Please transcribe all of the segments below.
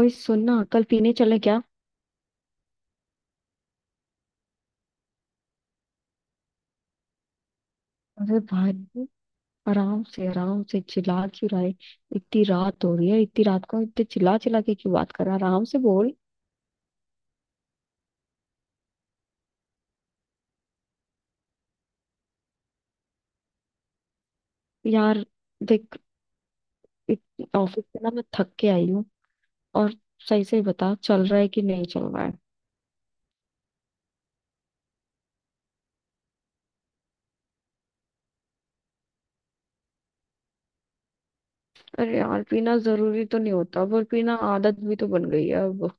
ओए, सुनना। कल पीने चले क्या? अरे भाई, आराम से, आराम से। चिल्ला क्यों रहा है? इतनी रात हो रही है, इतनी रात को इतने चिल्ला चिल्ला के क्यों बात कर रहा है? आराम से बोल। यार देख, ऑफिस से ना मैं थक के आई हूँ। और सही से बता, चल रहा है कि नहीं चल रहा है? अरे यार, पीना जरूरी तो नहीं होता पर पीना आदत भी तो बन गई है अब।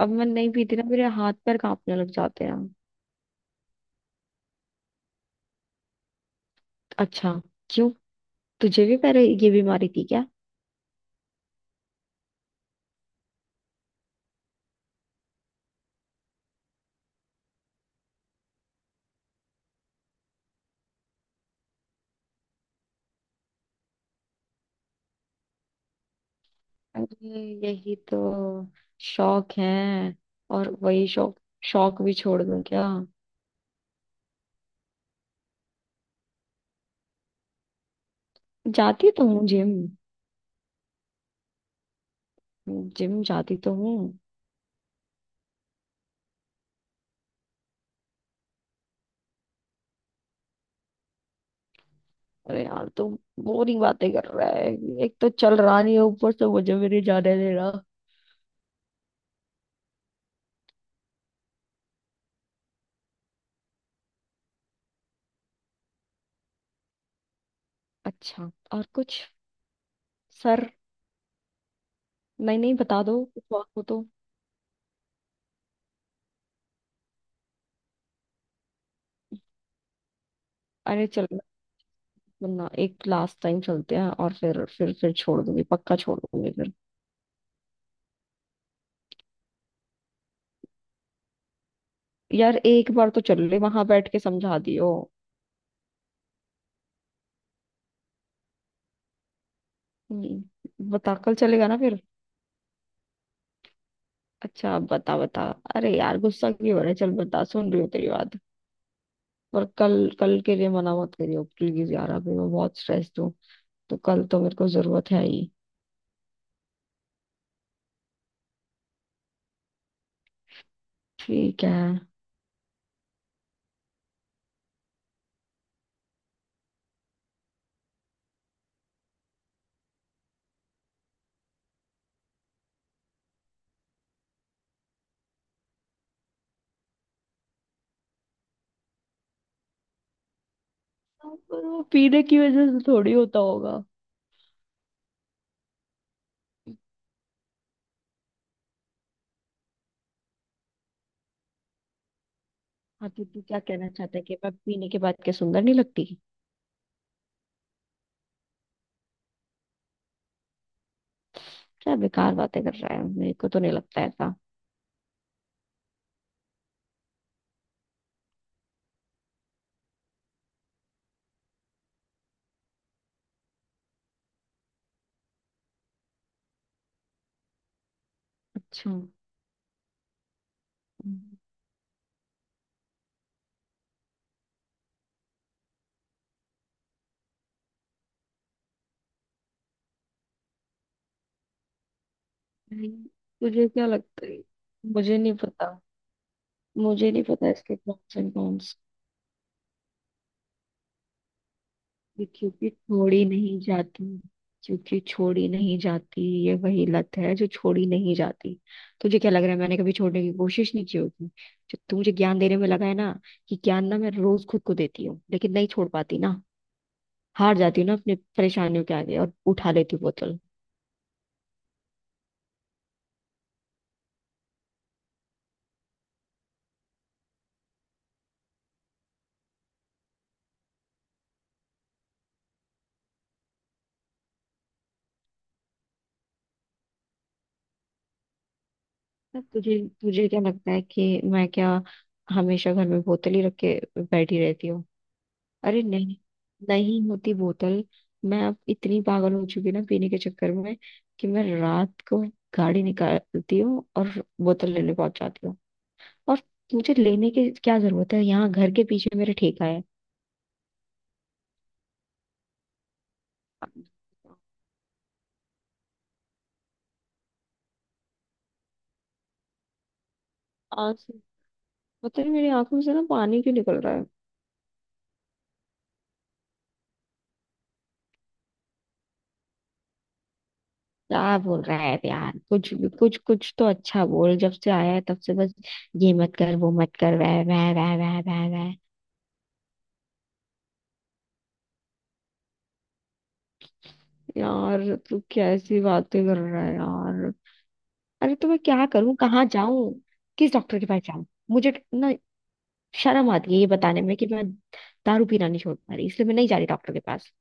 अब मैं नहीं पीती ना, मेरे हाथ पैर कांपने लग जाते हैं। अच्छा, क्यों? तुझे भी पहले ये बीमारी थी क्या? अरे, यही तो शौक है। और वही शौक, शौक भी छोड़ दूं क्या? जाती तो हूँ जिम। जिम जाती तो हूँ। अरे यार, तू बोरिंग बातें कर रहा है। एक तो चल रहा नहीं है, ऊपर से मुझे भी नहीं जाने दे रहा। अच्छा, और कुछ? सर, नहीं नहीं, बता दो कुछ और हो तो। अरे चल, सुनना, एक लास्ट टाइम चलते हैं और फिर छोड़ दूंगी, पक्का छोड़ दूंगी फिर। यार, एक बार तो चल ले, वहां बैठ के समझा दियो। बता, कल चलेगा ना फिर? अच्छा, बता बता। अरे यार, गुस्सा क्यों हो रहा है? चल बता, सुन रही हूँ तेरी बात। पर कल, कल के लिए मना मत करियो प्लीज, यार अभी मैं बहुत स्ट्रेस्ड हूँ। तो कल तो मेरे को जरूरत है ही। ठीक है। पर वो पीने की वजह से थोड़ी होता होगा। हाँ तो तू क्या कहना चाहता है कि मैं पीने के बाद क्या सुंदर नहीं लगती? क्या बेकार बातें कर रहा है, मेरे को तो नहीं लगता ऐसा। अच्छा। नहीं, तुझे क्या लगता है? मुझे नहीं पता। मुझे नहीं पता इसके प्रॉस एंड। ये क्योंकि छोड़ी नहीं जाती। क्योंकि छोड़ी नहीं जाती, ये वही लत है जो छोड़ी नहीं जाती। तुझे क्या लग रहा है, मैंने कभी छोड़ने की कोशिश नहीं की होगी? जो तू मुझे ज्ञान देने में लगा है ना, कि ज्ञान ना मैं रोज खुद को देती हूँ, लेकिन नहीं छोड़ पाती ना, हार जाती हूँ ना अपने परेशानियों के आगे और उठा लेती हूँ बोतल। अब तुझे तुझे क्या लगता है कि मैं क्या, हमेशा घर में बोतल ही रख के बैठी रहती हूँ? अरे नहीं, नहीं होती बोतल। मैं अब इतनी पागल हो चुकी ना पीने के चक्कर में कि मैं रात को गाड़ी निकालती हूँ और बोतल लेने पहुंच जाती हूँ। और मुझे लेने की क्या जरूरत है, यहाँ घर के पीछे मेरे ठेका है। आज पता नहीं मेरी आंखों से ना पानी क्यों निकल रहा है। क्या बोल रहा है यार, कुछ कुछ कुछ तो अच्छा बोल। जब से आया है तब से बस ये मत कर, वो मत कर, वह वह। यार तू कैसी बातें कर रहा है यार। अरे, तो मैं क्या करूं, कहाँ जाऊं? किस डॉक्टर के पास जाऊं? मुझे ना शर्म आती है ये बताने में कि मैं दारू पीना नहीं छोड़ पा रही, इसलिए मैं नहीं जा रही डॉक्टर के पास।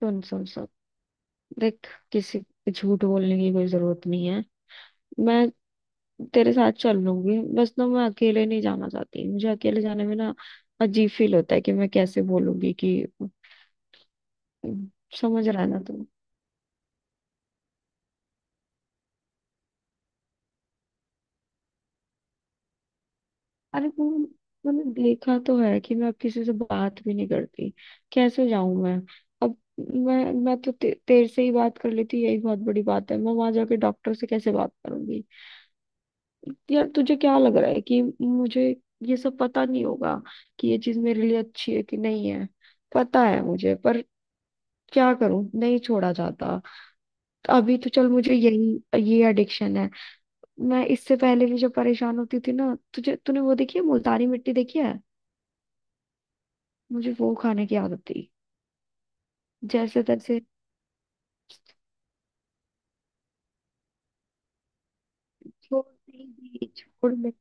सुन सुन सुन, देख किसी को झूठ बोलने की कोई जरूरत नहीं है। मैं तेरे साथ चल लूंगी, बस ना मैं अकेले नहीं जाना चाहती। मुझे अकेले जाने में ना अजीब फील होता है कि मैं कैसे बोलूंगी कि, समझ रहा है ना? अरे वो, मैंने देखा तो है कि मैं अब किसी से बात भी नहीं करती। कैसे जाऊं मैं अब? मैं तो तेरे से ही बात कर लेती, यही बहुत बड़ी बात है, मैं वहां जाके डॉक्टर से कैसे बात करूंगी? यार तुझे क्या लग रहा है कि मुझे ये सब पता नहीं होगा कि ये चीज मेरे लिए अच्छी है कि नहीं है? पता है मुझे, पर क्या करूं, नहीं छोड़ा जाता। तो अभी तो चल मुझे, यही ये एडिक्शन है। मैं इससे पहले भी जो परेशान होती थी ना, तुझे तूने वो देखी है मुल्तानी मिट्टी देखी है। मुझे वो खाने की आदत थी, जैसे तैसे छोड़ दी थी, छोड़ में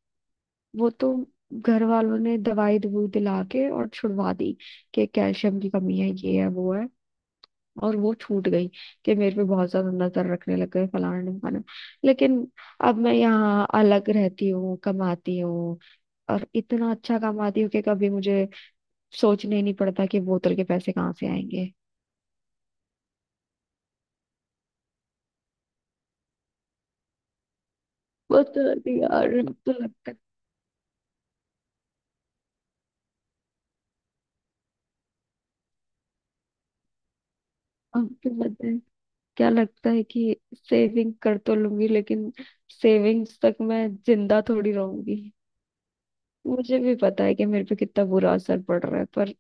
वो तो घर वालों ने दवाई दवूई दिला के और छुड़वा दी कि कैल्शियम की कमी है, ये है वो है, और वो छूट गई। कि मेरे पे बहुत ज्यादा नजर रखने लग गए, फलाना ढिमकाना। लेकिन अब मैं यहाँ अलग रहती हूँ, कमाती हूँ। और इतना अच्छा कमाती हूँ कि कभी मुझे सोचने ही नहीं पड़ता कि बोतल के पैसे कहाँ से आएंगे। बोतल भी यार अब तो लगता है। अब तो लगता है, क्या लगता है कि सेविंग कर तो लूंगी, लेकिन सेविंग्स तक मैं जिंदा थोड़ी रहूंगी। मुझे भी पता है कि मेरे पे कितना बुरा असर पड़ रहा है, पर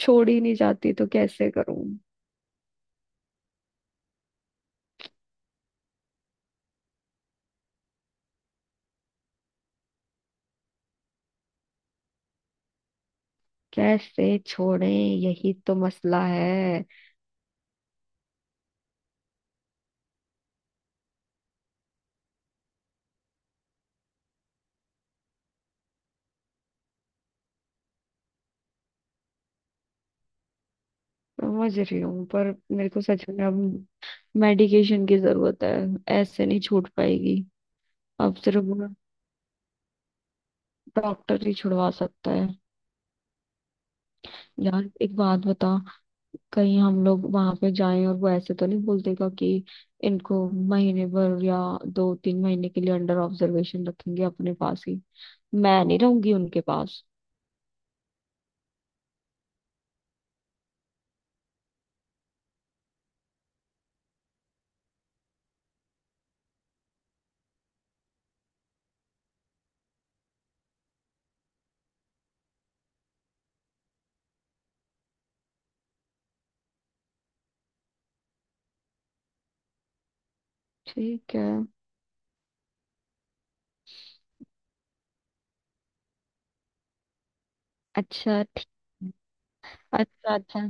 छोड़ ही नहीं जाती तो कैसे करूं? कैसे छोड़े, यही तो मसला है। समझ रही हूँ पर मेरे को सच में अब मेडिकेशन की जरूरत है। ऐसे नहीं छूट पाएगी, अब सिर्फ डॉक्टर ही छुड़वा सकता है। यार एक बात बता, कहीं हम लोग वहां पे जाएं और वो ऐसे तो नहीं बोल देगा कि इनको महीने भर या दो तीन महीने के लिए अंडर ऑब्जर्वेशन रखेंगे अपने पास ही? मैं नहीं रहूंगी उनके पास। ठीक है। अच्छा ठीक है। अच्छा अच्छा,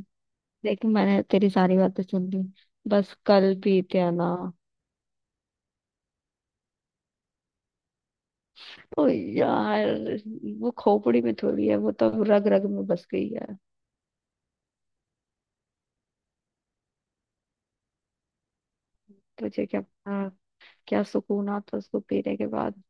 देख मैंने तेरी सारी बातें सुन ली, बस कल पीते हैं ना? ओ यार, वो खोपड़ी में थोड़ी है, वो तो रग रग में बस गई है। तुझे क्या आ, क्या सुकून आता उसको पीने के बाद?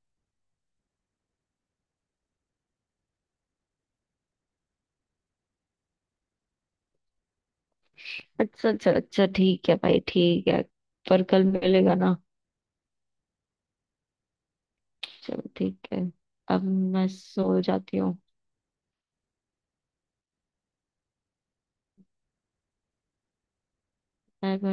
अच्छा अच्छा अच्छा, ठीक है भाई, ठीक है। पर कल मिलेगा ना? चलो ठीक है। अब मैं सो जाती हूँ। बाय।